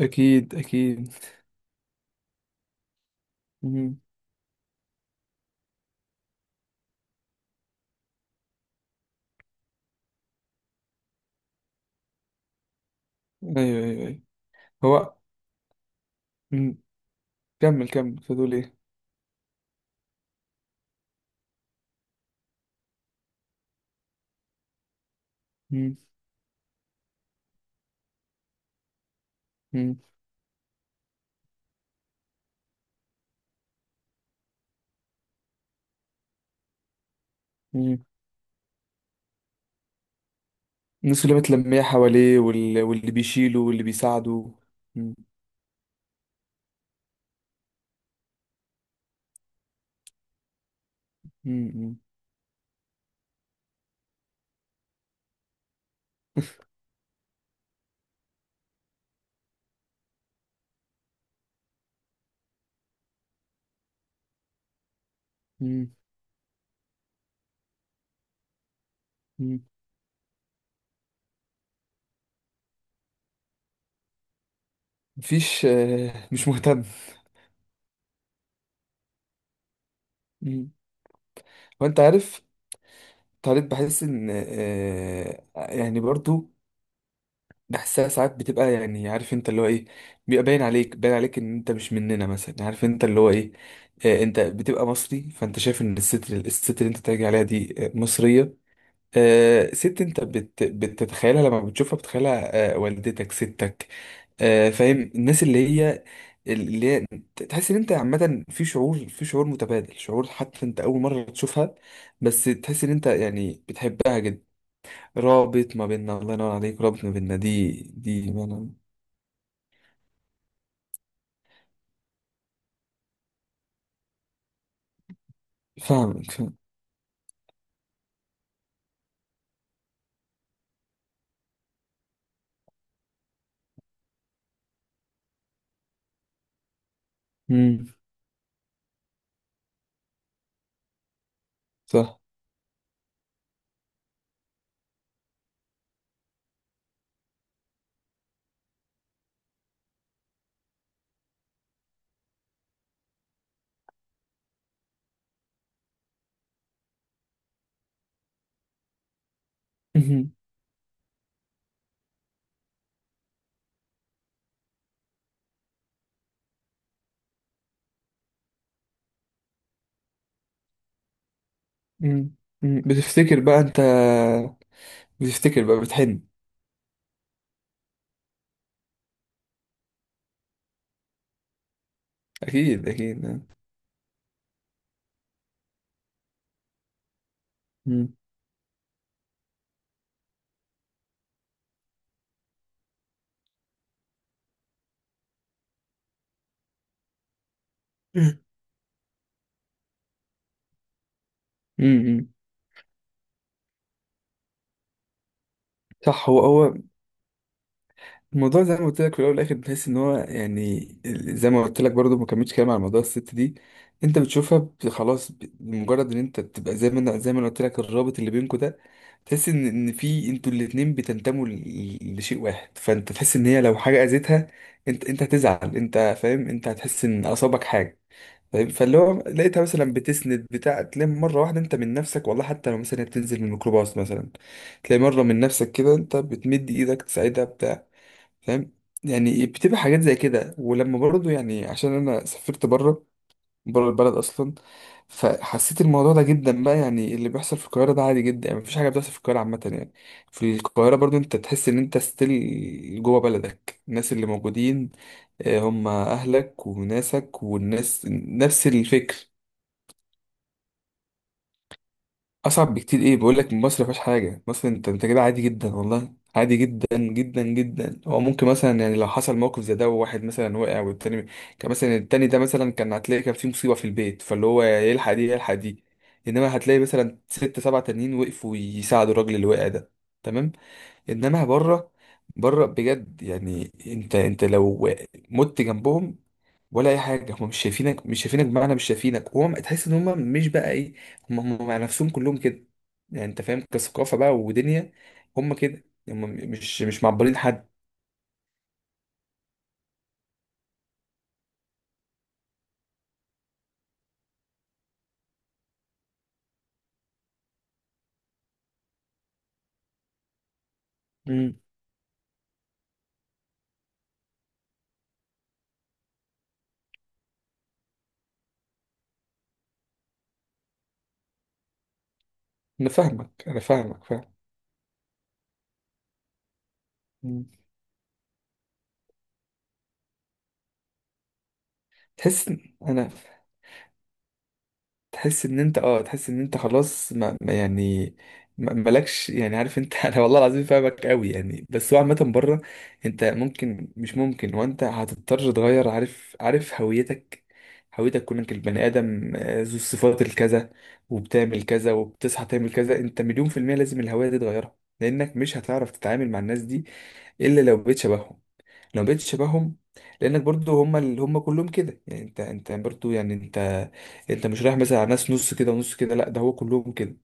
اكيد اكيد. مم. ايوه، ايوه، ايوه. هو، مم. كمل كمل، كنت هتقول ايه؟ مم. مم. مم. الناس اللي متلمية حواليه واللي بيشيله واللي بيساعده. مم. مم. مم. مم. مفيش، آه، مش مهتم. مم. وانت عارف، طالب بحس ان، آه، يعني برضو بحسها ساعات بتبقى، يعني عارف انت اللي هو ايه، بيبقى باين عليك باين عليك ان انت مش مننا مثلا، عارف انت اللي هو ايه. آه، انت بتبقى مصري، فانت شايف ان الست اللي انت تاجي عليها دي، آه، مصرية. آه، ست، انت بتتخيلها، لما بتشوفها بتتخيلها، آه، والدتك، ستك. آه، فاهم الناس اللي هي، اللي هي تحس ان انت عامة، في شعور متبادل، شعور حتى انت اول مرة تشوفها، بس تحس ان انت يعني بتحبها جدا. رابط ما بيننا، الله ينور عليك، رابط ما بيننا دي. دي ما انا فاهمك، فاهم. امم صح. مهم. مم. مم. بتفتكر بقى انت، بتفتكر بقى بتحن. اكيد اكيد. مم. مم. مم. صح. هو هو الموضوع زي ما قلت لك في الاول والاخر، بتحس ان هو يعني، زي ما قلت لك برضو، ما كملتش كلام على موضوع الست دي، انت بتشوفها خلاص، بمجرد ان انت بتبقى، زي ما انا قلت لك الرابط اللي بينكم ده، تحس ان في انتوا الاتنين بتنتموا لشيء واحد، فانت تحس ان هي لو حاجه اذتها، انت انت هتزعل، انت فاهم، انت هتحس ان اصابك حاجه. فاهم؟ فاللي هو لقيتها مثلا بتسند، بتاع، تلاقي مره واحده انت من نفسك والله، حتى لو مثلا هي بتنزل من الميكروباص مثلا، تلاقي مره من نفسك كده انت بتمد ايدك تساعدها، بتاع. فاهم. يعني بتبقى حاجات زي كده، ولما برضو يعني، عشان انا سافرت بره، بره البلد اصلا، فحسيت الموضوع ده جدا بقى، يعني اللي بيحصل في القاهره ده عادي جدا، يعني مفيش حاجه بتحصل في القاهره عامه يعني، في القاهره برضو انت تحس ان انت ستيل جوه بلدك، الناس اللي موجودين آه، هم اهلك وناسك والناس نفس الفكر. اصعب بكتير ايه، بقول لك مصر ما فيهاش حاجه، مصر انت انت كده عادي جدا والله، عادي جدا جدا جدا، هو ممكن مثلا يعني لو حصل موقف زي ده وواحد مثلا وقع والتاني، كان مثلا التاني ده مثلا كان هتلاقي كان في مصيبه في البيت، فاللي هو يلحق دي يلحق دي، انما هتلاقي مثلا ست سبع تانيين وقفوا يساعدوا الراجل اللي وقع ده. تمام. انما بره، بره بجد يعني انت، انت لو مت جنبهم ولا اي حاجه، هم مش شايفينك، مش شايفينك بمعنى مش شايفينك، هو تحس ان هم مش بقى ايه، هم هم مع نفسهم كلهم كده يعني، انت فاهم، كثقافه بقى ودنيا، هم كده، هم مش معبرين حد. مم. انا فاهمك، انا فاهمك، فاهم. مم. تحس انا تحس ان انت، اه تحس ان انت خلاص ما يعني مالكش يعني، عارف انت انا والله العظيم فاهمك قوي يعني، بس هو عامه بره، انت ممكن، مش ممكن، وانت هتضطر تغير، عارف، عارف هويتك، هويتك كونك البني ادم، آه، ذو الصفات الكذا، وبتعمل كذا، وبتصحى تعمل كذا، انت مليون في المية لازم الهوية دي تغيرها، لانك مش هتعرف تتعامل مع الناس دي الا لو بقيت شبههم، لو بقيت شبههم، لانك برضو هم اللي هم كلهم كده يعني، انت انت برضو يعني انت، انت مش رايح مثلا على ناس نص كده ونص كده، لا ده هو كلهم كده،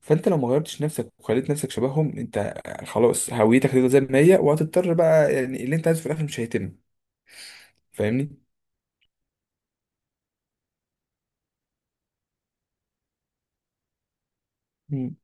فانت لو ما غيرتش نفسك وخليت نفسك شبههم انت، خلاص هويتك هتفضل زي ما هي، وهتضطر بقى يعني اللي انت عايزه في الاخر مش هيتم. فاهمني؟ امم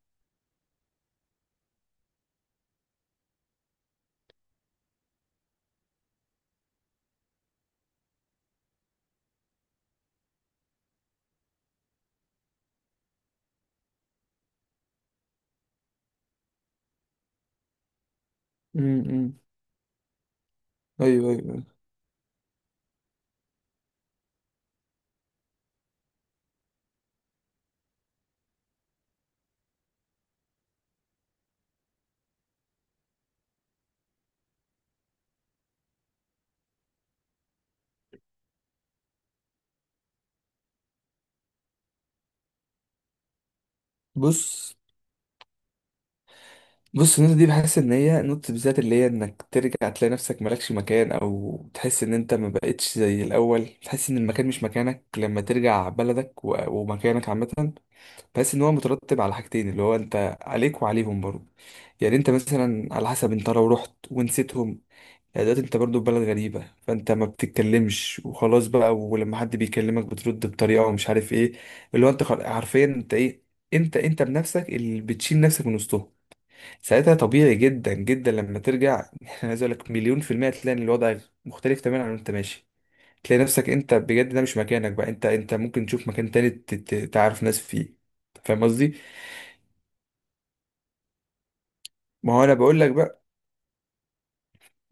امم ايوه ايوه أيوة. بص، بص النقطة دي بحس إن هي نقطة بالذات اللي هي إنك ترجع تلاقي نفسك مالكش مكان، أو تحس إن أنت ما بقتش زي الأول، تحس إن المكان مش مكانك لما ترجع بلدك ومكانك عامة. بحس إن هو مترتب على حاجتين، اللي هو أنت عليك وعليهم برضه، يعني أنت مثلا على حسب، أنت لو رحت ونسيتهم، يعني دلوقتي أنت برضه في بلد غريبة، فأنت ما بتتكلمش وخلاص بقى، ولما حد بيكلمك بترد بطريقة ومش عارف إيه، اللي هو أنت حرفيا أنت إيه، أنت أنت بنفسك اللي بتشيل نفسك من وسطهم، ساعتها طبيعي جدا جدا لما ترجع. انا عايز اقول لك مليون في المية تلاقي ان الوضع مختلف تماما عن انت ماشي، تلاقي نفسك انت بجد ده مش مكانك بقى، انت انت ممكن تشوف مكان تاني تعرف ناس فيه. فاهم قصدي؟ ما هو انا بقول لك بقى،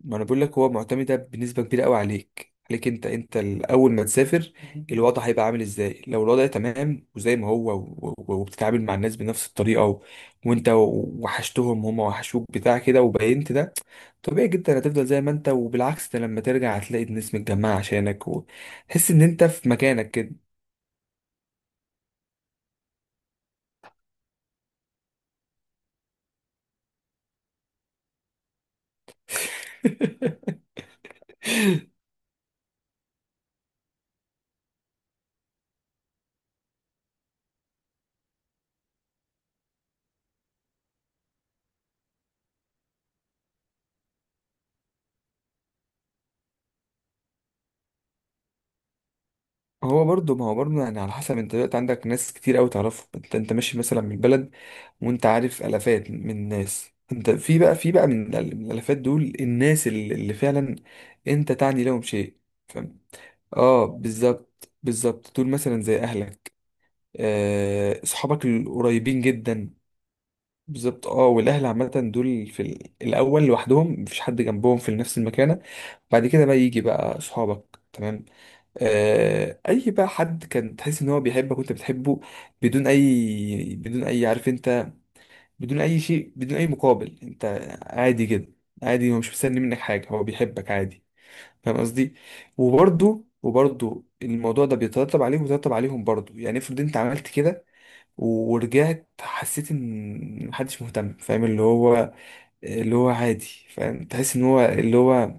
ما انا بقول لك هو معتمدة بنسبة كبيرة قوي عليك، عليك انت، انت اول ما تسافر الوضع هيبقى عامل ازاي، لو الوضع تمام وزي ما هو وبتتعامل مع الناس بنفس الطريقة وانت وحشتهم هم وحشوك بتاع كده وبينت ده، طبيعي جدا هتفضل زي ما انت، وبالعكس ده لما ترجع هتلاقي الناس متجمعة عشانك وتحس ان انت في مكانك كده. هو برضه، ما هو برضه يعني على حسب، انت دلوقتي عندك ناس كتير قوي تعرفهم، انت انت ماشي مثلا من البلد وانت عارف الافات من الناس، انت في بقى، في بقى من من الالافات دول الناس اللي، اللي فعلا انت تعني لهم شيء، فاهم. اه، بالظبط، بالظبط دول مثلا زي اهلك، آه، صحابك القريبين جدا. بالظبط اه، والاهل عامه دول في الاول لوحدهم، مفيش حد جنبهم في نفس المكانه، بعد كده بقى يجي بقى صحابك تمام، آه اي بقى حد كان تحس ان هو بيحبك وانت بتحبه، بدون اي عارف انت، بدون اي شيء، بدون اي مقابل، انت عادي جدا، عادي، هو مش مستني منك حاجه، هو بيحبك عادي. فاهم قصدي؟ وبرده الموضوع ده بيترتب عليهم، وبيترتب عليهم برضه، يعني افرض انت عملت كده ورجعت، حسيت ان محدش مهتم، فاهم اللي هو، اللي هو عادي، فاهم، تحس ان هو اللي هو،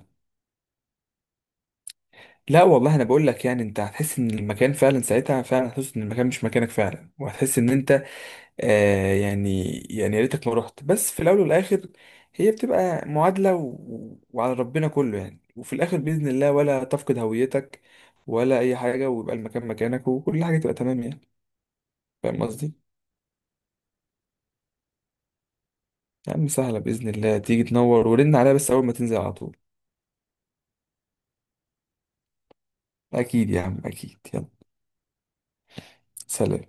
لا والله انا بقول لك، يعني انت هتحس ان المكان فعلا ساعتها، فعلا هتحس ان المكان مش مكانك فعلا، وهتحس ان انت، آه، يعني، يعني يا ريتك ما رحت، بس في الاول والاخر هي بتبقى معادلة وعلى ربنا كله يعني، وفي الاخر باذن الله ولا تفقد هويتك ولا اي حاجة، ويبقى المكان مكانك، وكل حاجة تبقى تمام يعني. فاهم قصدي؟ يا عم سهلة باذن الله، تيجي تنور، ورن عليها بس اول ما تنزل على طول. اكيد يا عم اكيد، يلا. سلام.